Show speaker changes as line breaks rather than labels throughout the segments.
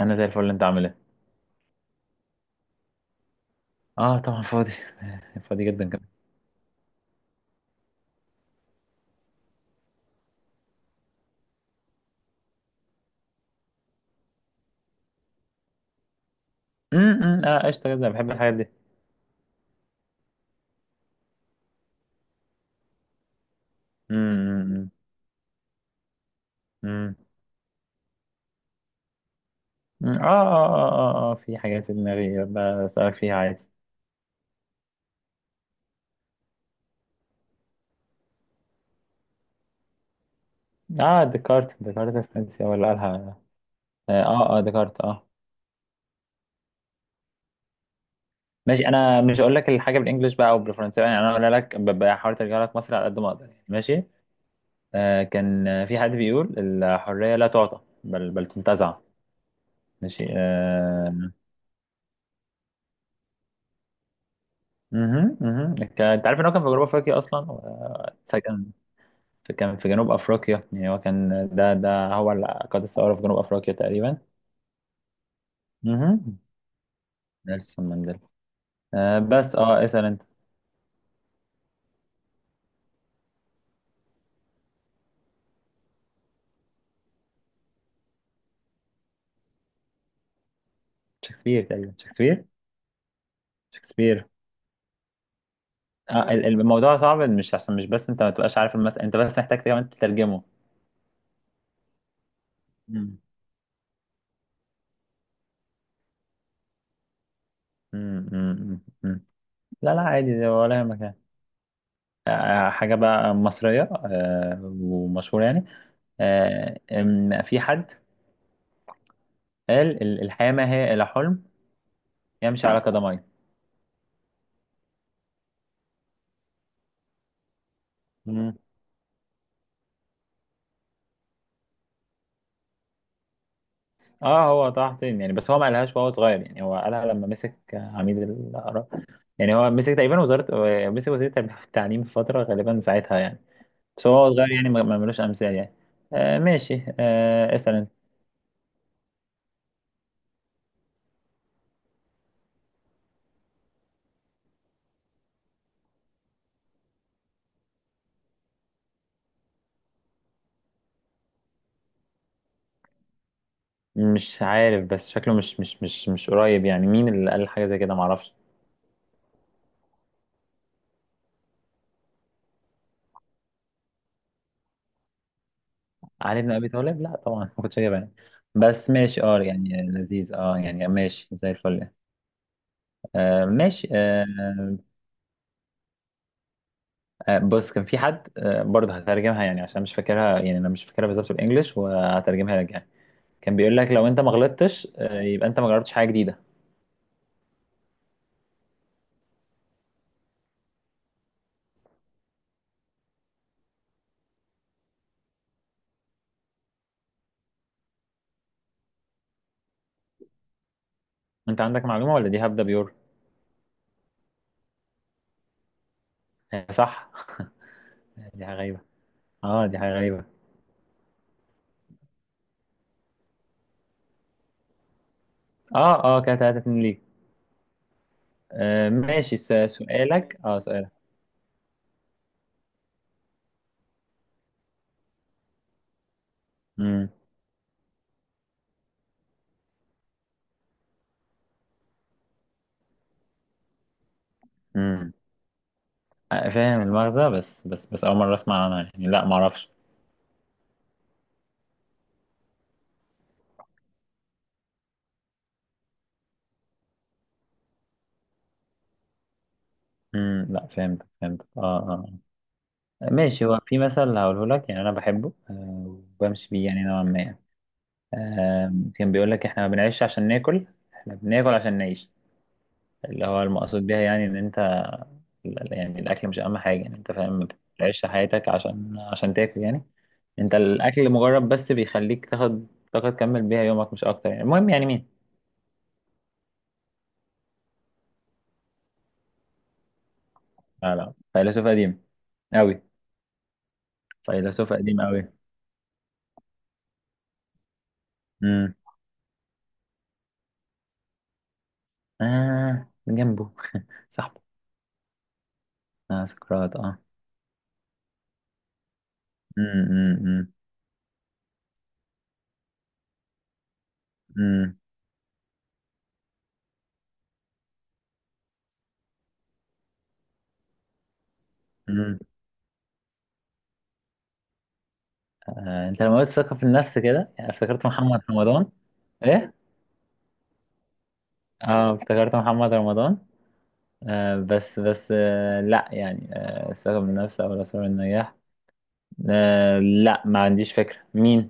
انا زي الفل. انت عامل ايه؟ اه طبعا فاضي. فاضي جدا كمان. اه قشطه جدا، بحب الحاجات دي. امم امم في حاجات في دماغي بسألك فيها عادي. اه ديكارت، الفرنسي هو اللي قالها. ديكارت اه. ماشي، انا مش هقول لك الحاجه بالانجلش بقى او بالفرنسي يعني، انا هقول لك بحاول ارجع لك مصر على قد ما اقدر يعني. ماشي، آه كان في حد بيقول الحريه لا تعطى بل تنتزع. ماشي آه. مهم، مهم. انت عارف ان هو كان في جنوب افريقيا اصلا واتسجن في، كان في جنوب افريقيا يعني. هو كان ده هو اللي قاد الثوره في جنوب افريقيا تقريبا. مهم. نيلسون مانديلا. آه بس اه اسال انت. شكسبير، تقريبا شكسبير. شكسبير. آه الموضوع صعب، مش عشان مش بس انت ما تبقاش عارف المسألة، انت بس محتاج كمان تترجمه. مم. مم، مم، مم. لا لا عادي، ده ولا يهمك يعني. آه، حاجة بقى مصرية آه، ومشهورة يعني. آه، إن في حد قال الحياة ما هي إلا حلم يمشي على قدميه. مم. اه هو طه حسين يعني، بس هو ما قالهاش وهو صغير، يعني هو قالها لما مسك عميد الآراء. يعني هو مسك تقريبا وزارة، مسك وزير التعليم في فترة غالبا ساعتها يعني. بس هو صغير يعني ما ملوش أمثال يعني. آه ماشي، آه اسأل انت. مش عارف، بس شكله مش قريب يعني. مين اللي قال حاجة زي كده؟ معرفش. علي بن أبي طالب؟ لا طبعا ما كنتش جايبها يعني. بس ماشي اه، يعني لذيذ اه، يعني ماشي زي الفل. آه ماشي آه. آه، بص كان في حد آه، برضه هترجمها يعني عشان مش فاكرها، يعني انا مش فاكرها بالظبط بالانجلش، وهترجمها لك يعني. كان بيقول لك لو انت ما غلطتش آه، يبقى انت ما جربتش حاجه جديده. انت عندك معلومه ولا دي هبده بيور؟ آه، صح. دي حاجه غريبه. اه دي حاجه غريبه. اه اه كده 3 2 ليك. آه، ماشي سؤالك، اه سؤالك. امم. امم. آه، فاهم المغزى، بس بس اول مره اسمع عنها يعني. لا ما اعرفش. امم، لا فهمت، فهمت اه اه. آه. ماشي، هو في مثل هقوله لك يعني انا بحبه آه، وبمشي بيه يعني نوعا ما. آم، كان بيقول لك احنا ما بنعيش عشان ناكل، احنا بناكل عشان نعيش. اللي هو المقصود بيها يعني ان انت يعني الاكل مش اهم حاجه يعني. انت فاهم؟ ما بتعيش حياتك عشان تاكل يعني. انت الاكل مجرد بس بيخليك تاخد طاقه تكمل بيها يومك، مش اكتر يعني. المهم، يعني مين؟ لا لا، فيلسوف قديم قوي. فيلسوف قديم قوي. امم. اه جنبه. صاحبه. اه سقراط، اه. امم. امم. امم. آه، انت لما قلت ثقة في النفس كده، يعني افتكرت محمد رمضان. ايه. اه افتكرت محمد رمضان. آه بس آه لا يعني، آه الثقة بالنفس او الأسرار النجاح. آه لا ما عنديش فكرة مين.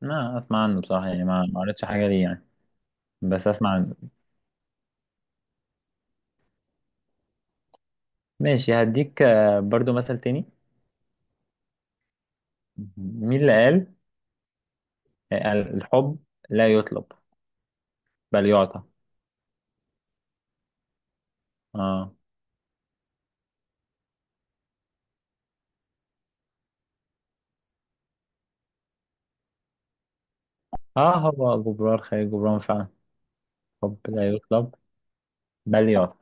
ما اسمع عنه بصراحة يعني، ما قريتش حاجة ليه يعني. بس اسمع عنه. ماشي هديك آه برضو مثل تاني. مين اللي قال آه، الحب لا يطلب بل يعطى؟ اه اه، هو جبران خليل جبران فعلا. الحب لا يطلب بل يعطى.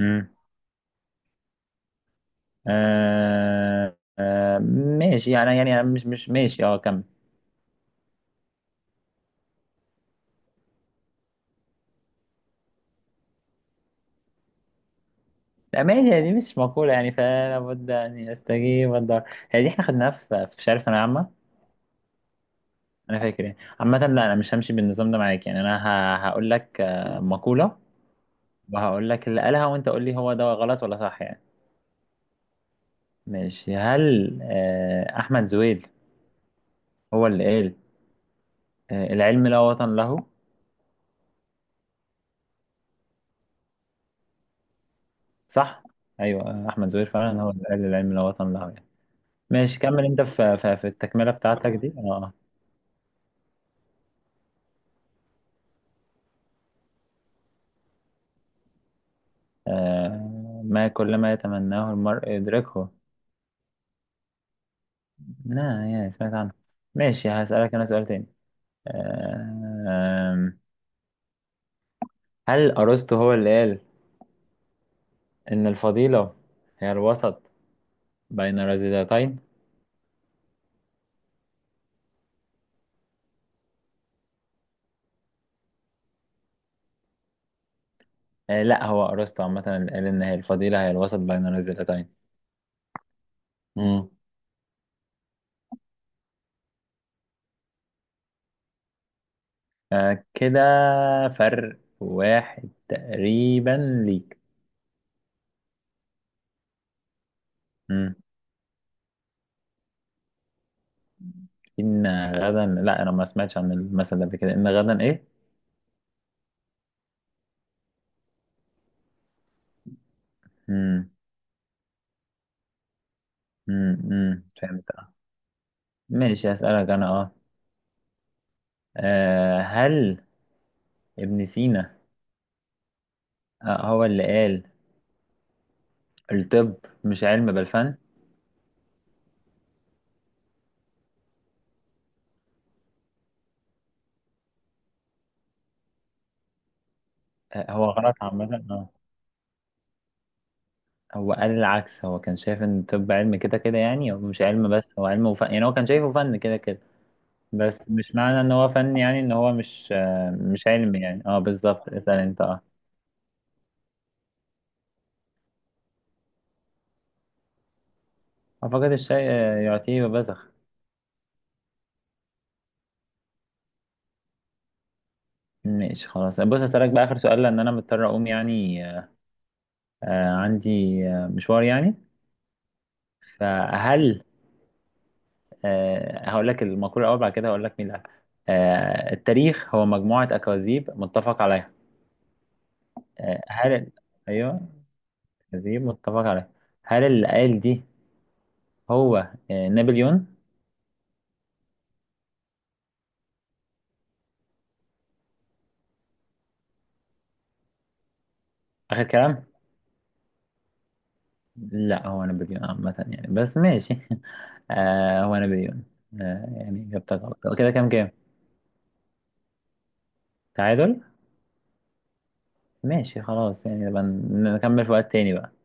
امم. آه آه. ماشي يعني، يعني أنا مش ماشي اه، كمل. لا ماشي، هذه مش مقولة يعني، فلا بد أن أستجيب الدار. هذه احنا خدناها في شهر ثانوية عامة، أنا فاكر يعني. عامة لا، أنا مش همشي بالنظام ده معاك يعني، أنا هقول لك آه، مقولة وهقول لك اللي قالها، وأنت قول لي هو ده غلط ولا صح يعني. ماشي، هل آه، أحمد زويل هو اللي قال آه، العلم لا وطن له؟ صح؟ أيوه. آه، أحمد زويل فعلا هو اللي قال العلم لا وطن له يعني. ماشي كمل انت في التكملة بتاعتك دي اه. آه، ما كل ما يتمناه المرء يدركه. لا يا، سمعت عنه. ماشي هسألك انا سؤال تاني. آه، هل أرسطو هو اللي قال إن الفضيلة هي الوسط بين الرذيلتين؟ آه، لا هو أرسطو عامة اللي قال إن هي الفضيلة هي الوسط بين الرذيلتين. مم. آه، كده فرق واحد تقريبا ليك. إن غدا؟ لا أنا ما سمعتش عن المثل ده قبل كده. إن غدا إيه؟ مم. مم. مم. فهمت أه. ماشي هسألك أنا أه. آه، هل ابن سينا آه، هو اللي قال الطب مش علم بل فن؟ آه، هو غلط عامة أه. هو قال العكس، هو كان شايف إن الطب علم كده كده يعني. هو مش علم بس، هو علم وفن يعني، هو كان شايفه فن كده كده. بس مش معنى إن هو فن يعني إن هو مش آه، مش علم يعني أه بالظبط. اسأل أنت أه. أعتقد الشيء آه، يعطيه وبزخ. ماشي خلاص، بص هسألك بقى آخر سؤال، لأن أنا مضطر أقوم يعني. آه عندي آه مشوار يعني. فهل آه، هقول لك المقولة الأول، بعد كده هقول لك مين اللي قالها. آه، التاريخ هو مجموعة أكاذيب متفق عليها. آه هل أيوه، أكاذيب متفق عليها. هل اللي قال دي هو آه نابليون؟ آخر كلام؟ لا هو نابليون عامة يعني، بس ماشي. آه هو نابليون. آه يعني إجابتك غلط. كده كام كام؟ تعادل؟ ماشي خلاص يعني، نبقى نكمل في وقت تاني بقى.